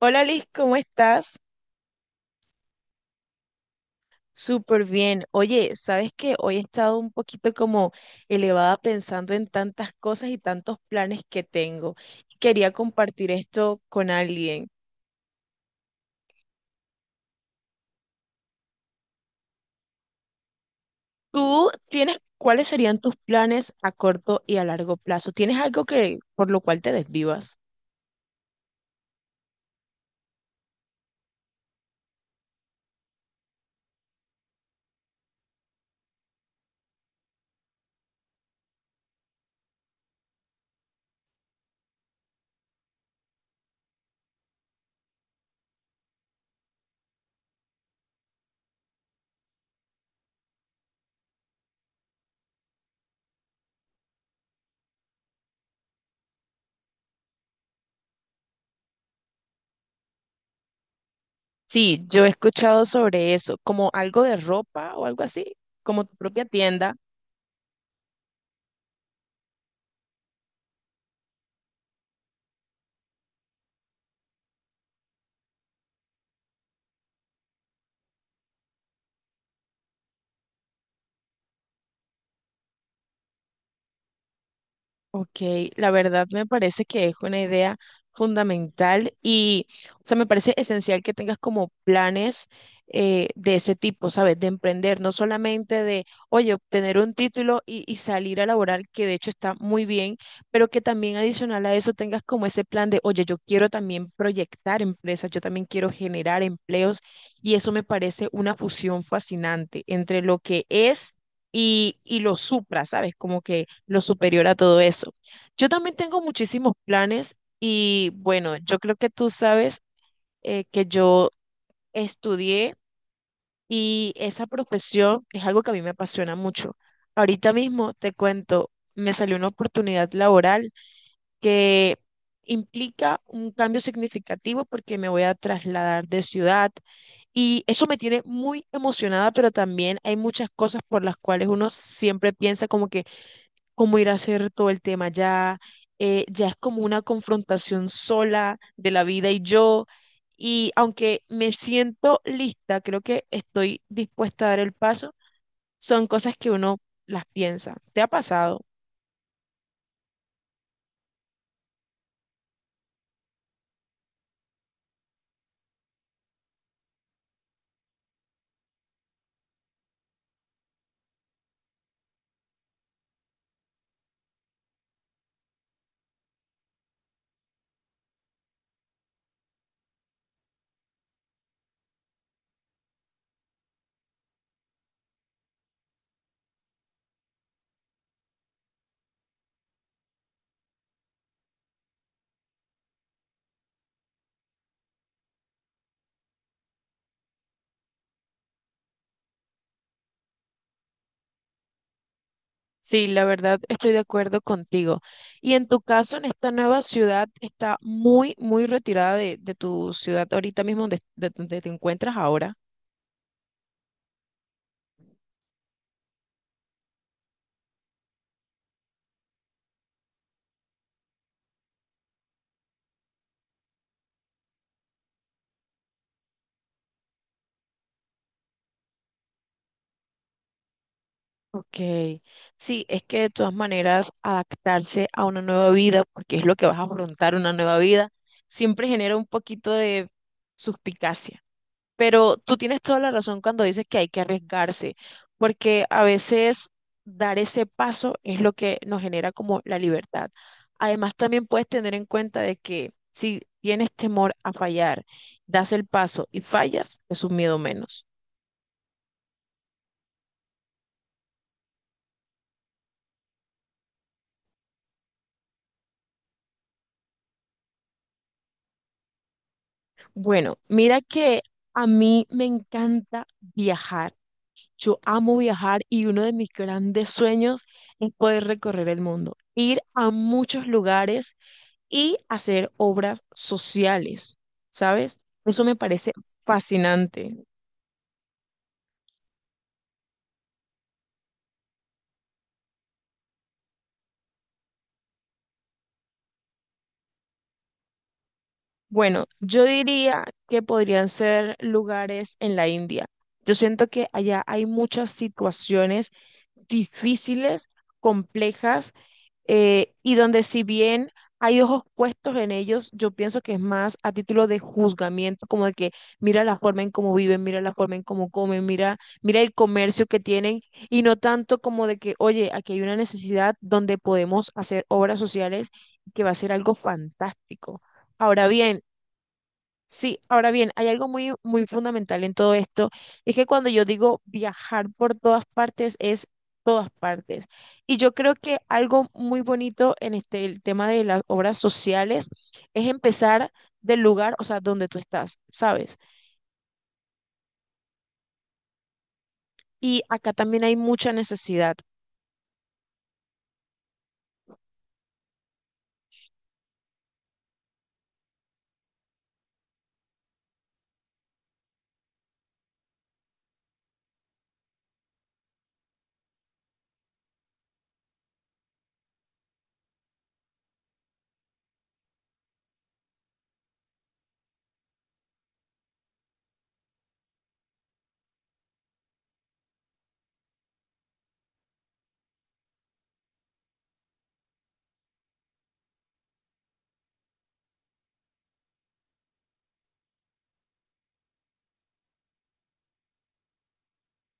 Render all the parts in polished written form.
Hola Liz, ¿cómo estás? Súper bien. Oye, ¿sabes qué? Hoy he estado un poquito como elevada pensando en tantas cosas y tantos planes que tengo. Quería compartir esto con alguien. ¿Tú tienes cuáles serían tus planes a corto y a largo plazo? ¿Tienes algo que por lo cual te desvivas? Sí, yo he escuchado sobre eso, como algo de ropa o algo así, como tu propia tienda. Ok, la verdad me parece que es una idea fundamental y, o sea, me parece esencial que tengas como planes de ese tipo, ¿sabes? De emprender, no solamente de, oye, obtener un título y salir a laborar, que de hecho está muy bien, pero que también adicional a eso tengas como ese plan de, oye, yo quiero también proyectar empresas, yo también quiero generar empleos y eso me parece una fusión fascinante entre lo que es y lo supra, ¿sabes? Como que lo superior a todo eso. Yo también tengo muchísimos planes y bueno, yo creo que tú sabes que yo estudié y esa profesión es algo que a mí me apasiona mucho. Ahorita mismo te cuento, me salió una oportunidad laboral que implica un cambio significativo porque me voy a trasladar de ciudad. Y eso me tiene muy emocionada, pero también hay muchas cosas por las cuales uno siempre piensa como que cómo ir a hacer todo el tema ya, ya es como una confrontación sola de la vida y yo, y aunque me siento lista, creo que estoy dispuesta a dar el paso, son cosas que uno las piensa. ¿Te ha pasado? Sí, la verdad estoy de acuerdo contigo. Y en tu caso, en esta nueva ciudad, está muy, muy retirada de tu ciudad ahorita mismo donde, de donde te encuentras ahora. Ok, sí, es que de todas maneras adaptarse a una nueva vida, porque es lo que vas a afrontar, una nueva vida, siempre genera un poquito de suspicacia. Pero tú tienes toda la razón cuando dices que hay que arriesgarse, porque a veces dar ese paso es lo que nos genera como la libertad. Además, también puedes tener en cuenta de que si tienes temor a fallar, das el paso y fallas, es un miedo menos. Bueno, mira que a mí me encanta viajar. Yo amo viajar y uno de mis grandes sueños es poder recorrer el mundo, ir a muchos lugares y hacer obras sociales, ¿sabes? Eso me parece fascinante. Bueno, yo diría que podrían ser lugares en la India. Yo siento que allá hay muchas situaciones difíciles, complejas y donde si bien hay ojos puestos en ellos, yo pienso que es más a título de juzgamiento, como de que mira la forma en cómo viven, mira la forma en cómo comen, mira, mira el comercio que tienen, y no tanto como de que, oye, aquí hay una necesidad donde podemos hacer obras sociales que va a ser algo fantástico. Ahora bien, sí, ahora bien, hay algo muy, muy fundamental en todo esto, es que cuando yo digo viajar por todas partes, es todas partes. Y yo creo que algo muy bonito en este, el tema de las obras sociales es empezar del lugar, o sea, donde tú estás, ¿sabes? Y acá también hay mucha necesidad,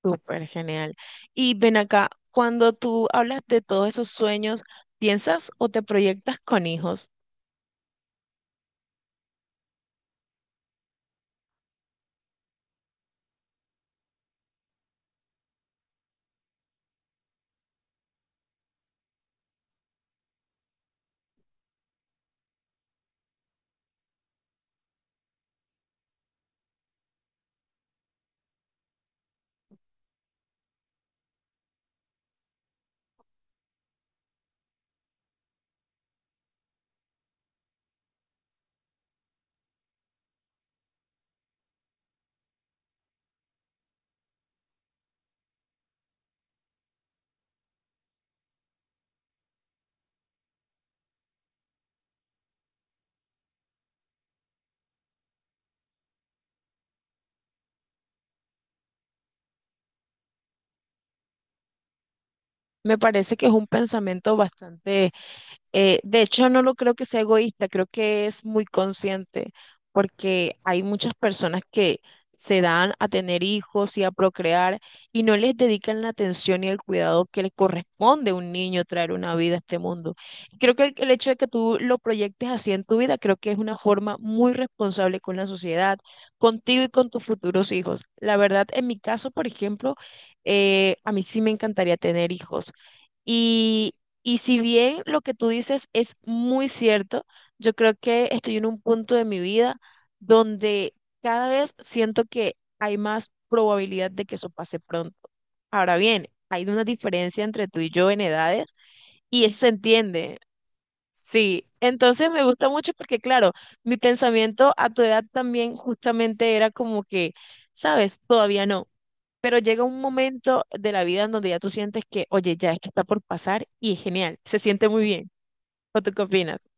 súper genial. Y ven acá, cuando tú hablas de todos esos sueños, ¿piensas o te proyectas con hijos? Me parece que es un pensamiento bastante. De hecho, no lo creo que sea egoísta, creo que es muy consciente, porque hay muchas personas que se dan a tener hijos y a procrear y no les dedican la atención y el cuidado que le corresponde a un niño traer una vida a este mundo. Y creo que el hecho de que tú lo proyectes así en tu vida, creo que es una forma muy responsable con la sociedad, contigo y con tus futuros hijos. La verdad, en mi caso, por ejemplo, a mí sí me encantaría tener hijos. Y, y si bien lo que tú dices es muy cierto, yo creo que estoy en un punto de mi vida donde cada vez siento que hay más probabilidad de que eso pase pronto. Ahora bien, hay una diferencia entre tú y yo en edades y eso se entiende. Sí, entonces me gusta mucho porque, claro, mi pensamiento a tu edad también justamente era como que, sabes, todavía no. Pero llega un momento de la vida en donde ya tú sientes que, oye, ya esto está por pasar y es genial, se siente muy bien. ¿O tú qué opinas?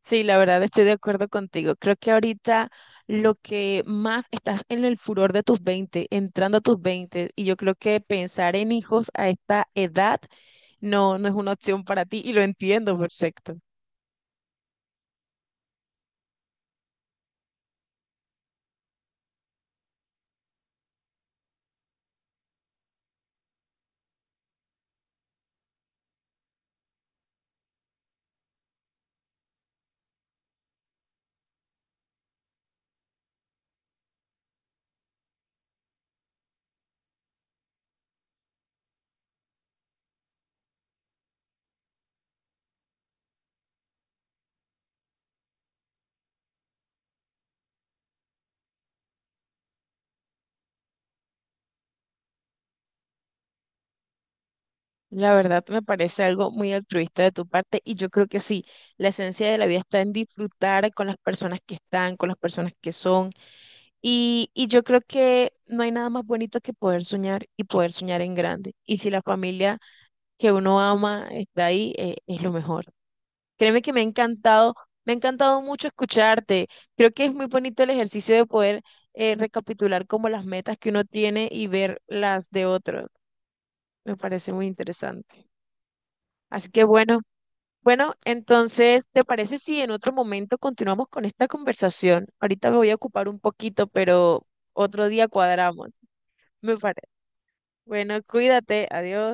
Sí, la verdad estoy de acuerdo contigo. Creo que ahorita lo que más estás en el furor de tus 20 entrando a tus 20 y yo creo que pensar en hijos a esta edad no, no es una opción para ti y lo entiendo perfecto. La verdad me parece algo muy altruista de tu parte y yo creo que sí, la esencia de la vida está en disfrutar con las personas que están, con las personas que son. Y yo creo que no hay nada más bonito que poder soñar y poder soñar en grande. Y si la familia que uno ama está ahí, es lo mejor. Créeme que me ha encantado mucho escucharte. Creo que es muy bonito el ejercicio de poder, recapitular como las metas que uno tiene y ver las de otros. Me parece muy interesante. Así que bueno, bueno, entonces, ¿te parece si en otro momento continuamos con esta conversación? Ahorita me voy a ocupar un poquito, pero otro día cuadramos. Me parece. Bueno, cuídate, adiós.